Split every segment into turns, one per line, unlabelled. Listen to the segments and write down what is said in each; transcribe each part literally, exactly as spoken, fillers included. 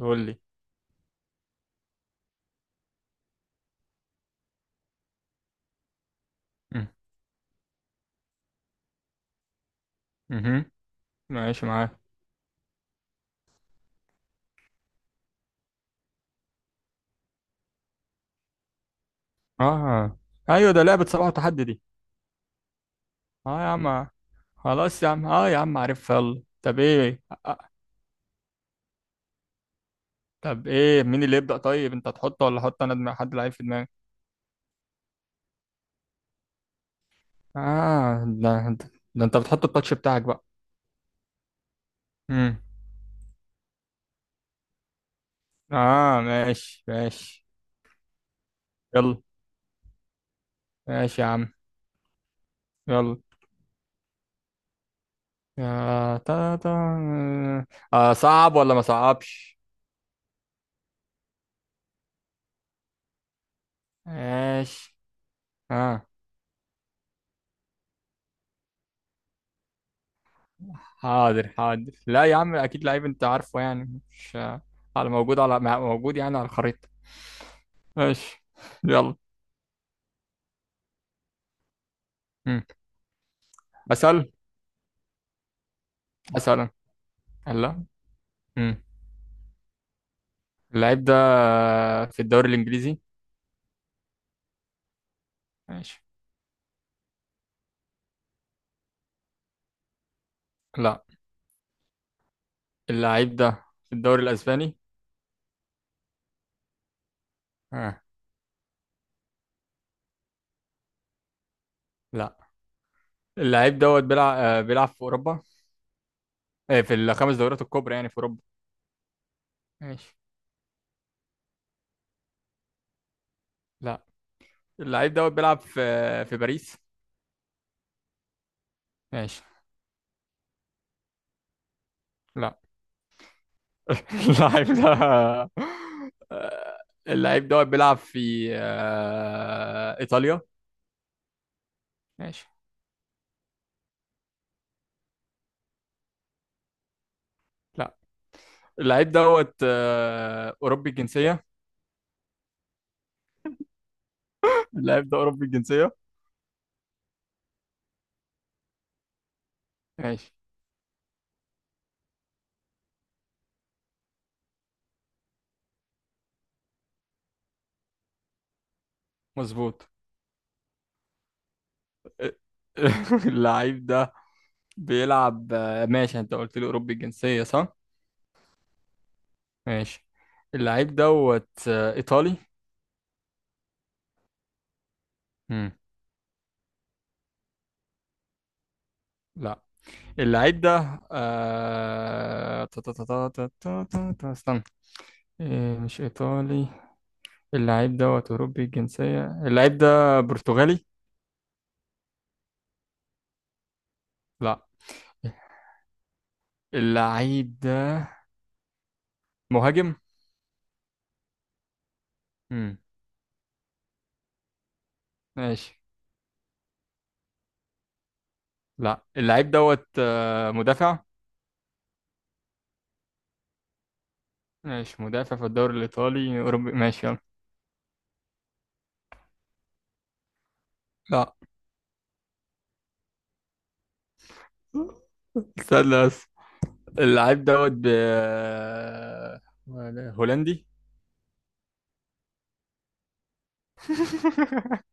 قول لي. مم. مهم. ماشي معاك. اه، ايوه، ده لعبة صباح وتحدي دي. اه يا عم، خلاص يا عم، اه يا عم عارف. يلا، طب ايه آه، طب ايه مين اللي يبدأ؟ طيب انت تحطه ولا احط انا دماغ حد لعيب في دماغي. اه، ده, ده, ده انت بتحط التاتش بتاعك بقى. مم. اه، ماشي ماشي. يلا، ماشي يا عم، يلا. يا تا تا اه، صعب ولا ما صعبش؟ ماشي. اه، حاضر حاضر، لا يا عم اكيد لعيب، انت عارفه يعني مش على موجود على مع- موجود يعني على الخريطة. ماشي، يلا. مم. اسال، اسال. لا. مم. اللعيب ده في الدوري الانجليزي؟ ماشي. لا. اللعيب ده في الدوري الاسباني؟ آه. لا. اللعيب دوت بيلعب آه بيلعب في اوروبا. آه في الخمس دوريات الكبرى يعني في اوروبا. ماشي. لا. اللعيب دوت بيلعب في في باريس. ماشي. لا. اللعيب ده اللعيب دوت بيلعب في آه، ايطاليا. ماشي. لا. اللعيب دوت آه، اوروبي الجنسيه. اللعيب ده اوروبي الجنسيه. ماشي. مظبوط. اللعيب ده بيلعب آه، ماشي، انت قلت لي اوروبي الجنسيه صح؟ ماشي. اللعيب دوت آه، ايطالي. مم. لا. اللعيب ده آه، تا- تا- تا- تا- تا- تا- تا- تا- استنى إيه مش ايطالي؟ اللعيب دوت اوروبي الجنسيه، اللعيب ده برتغالي. لا. اللعيب ده مهاجم. امم ماشي. لا. اللعيب دوت آه، مدافع. ماشي، مدافع في الدوري الإيطالي أوروبي. ماشي، يلا. لا. استنى بس، اللعيب دوت ب ولا- هولندي.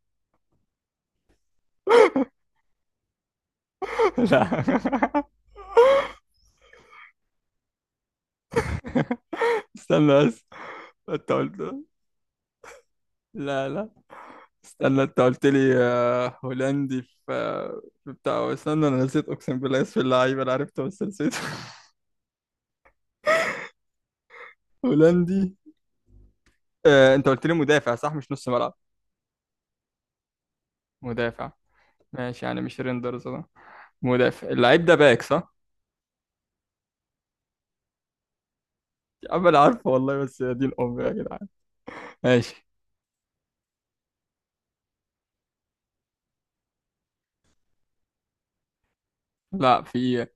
لا، استنى بس، انت قلت، لا لا، استنى، انت قلت لي آه، هولندي في آه، في بتاع، استنى انا نسيت، اقسم بالله اسم اللعيب انا عرفته بس نسيته. هولندي. آه، انت قلت لي مدافع صح، مش نص ملعب؟ مدافع. ماشي، يعني مش ريندرز ده؟ مدافع. اللعيب ده باك صح؟ يا عم انا عارفه والله بس يا دين امي يا جدعان. ماشي. لا، في.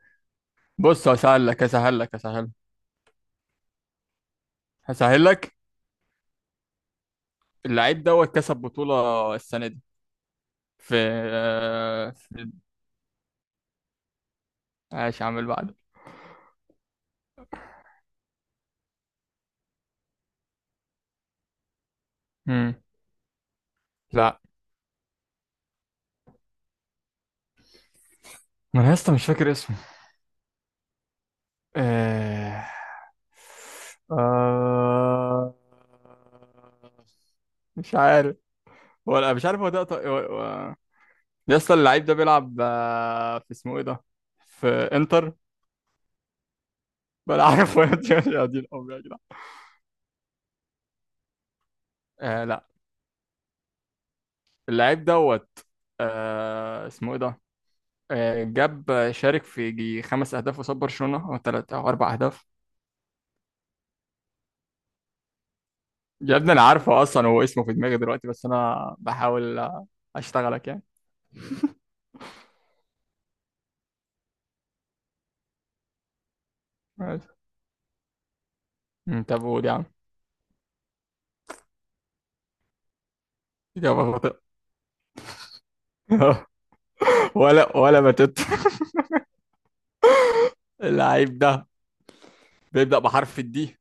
بص، هسهل لك هسهل لك هسهل لك هسهل لك. اللعيب دوت كسب بطولة السنة دي في آه، في ماشي، عامل بعد. مم. لا، ما انا لسه مش فاكر اسمه. آه... آه... مش عارف. هو لا، مش عارف هو ده. يا اسطى اللعيب ده بيلعب آه، في، اسمه ايه ده، في انتر. بلا عارف. يا دي يا دي الأم يا جدعان. آه، لا. اللعيب دوت آه اسمه ايه ده. آه جاب شارك في يجي خمس اهداف قصاد برشلونة، او ثلاث او اربع اهداف. يا ابني انا عارفه اصلا، هو اسمه في دماغي دلوقتي بس انا بحاول آه، اشتغلك يعني. ماشي. أمم، طب قول يا عم. اجابه خاطئه. ولا ولا بتت. اللعيب ده بيبدأ بحرف الدي.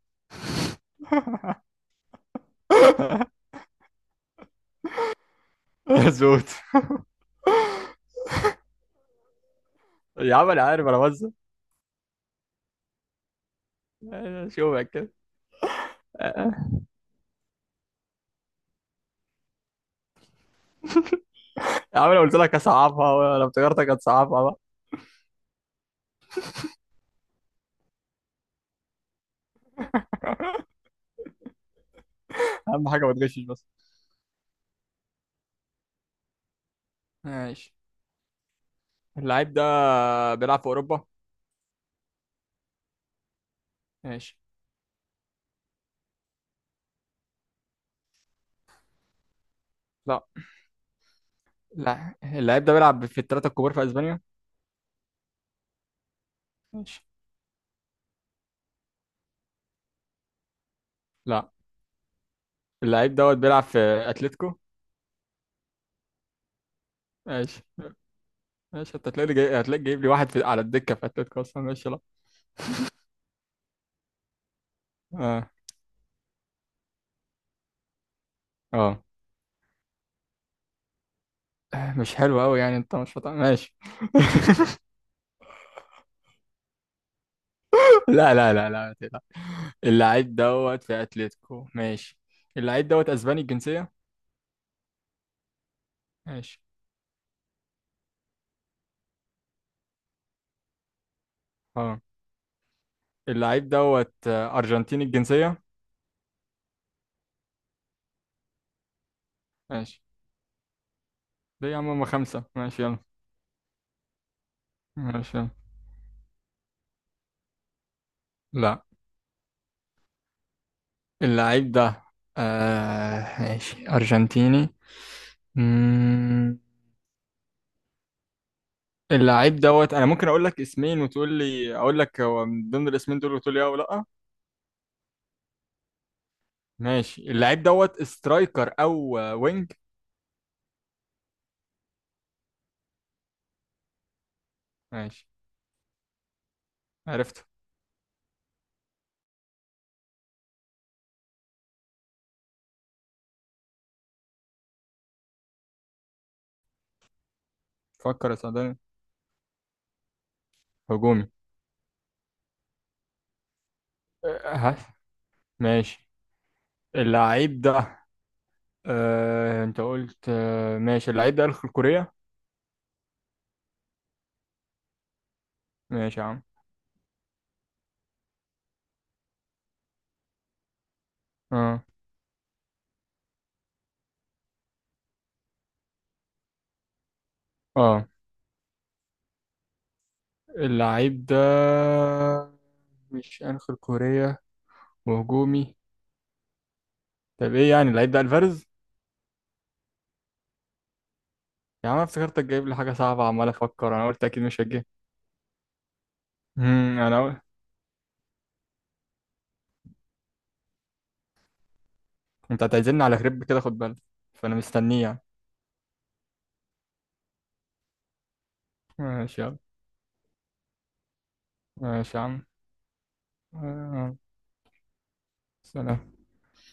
مظبوط. يا عم انا عارف، انا بس شوفك. يا عم انا قلت لك هصعبها، لو تجارتك هتصعبها بقى. اهم حاجه ما تغشش بس. ماشي. اللعيب ده بيلعب في اوروبا. ماشي. لا. لا، اللعيب ده بيلعب في الثلاثه الكبار في اسبانيا. ماشي. لا. اللعيب دوت بيلعب في اتلتيكو. ماشي. ماشي، انت هتلاقي لي جاي... هتلاقي جايب لي واحد في... على الدكه في اتلتيكو اصلا. ماشي. لا. اه اه، مش حلو قوي يعني، انت مش فاطمة. ماشي. لا لا لا لا، ما تقلقش. اللعيب دوت في اتلتيكو. ماشي. اللعيب دوت اسباني الجنسيه. ماشي. اه. اللعيب دوت آه، أرجنتيني الجنسية. ماشي. ليه يا عم، هما خمسة. ماشي يلا. ماشي يلا. لا. اللعيب ده آه ماشي، أرجنتيني. مم. اللعيب دوت أنا ممكن أقول لك اسمين وتقول لي، أقول لك هو من ضمن الاسمين دول وتقول لي أه ولا لأ. ماشي. اللعيب دوت سترايكر أو آه، وينج. ماشي. عرفته. فكر، يا صدقني. هجومي. آه، ها. ماشي. اللعيب ده آه أنت قلت آه ماشي، اللعيب ده الخلق كوريا. ماشي يا عم. اه اه. اللعيب ده مش شمال كوريا وهجومي. طب ايه يعني اللعيب ده الفارز؟ يا عم أنا افتكرتك جايب لي حاجه صعبه، عمال افكر انا قلت اكيد مش هتجيب. امم انا قلت انت هتعزمني على كريب كده، خد بالك، فانا مستنيه يعني. ماشي يلا. ماشي يا عم. آه، سلام.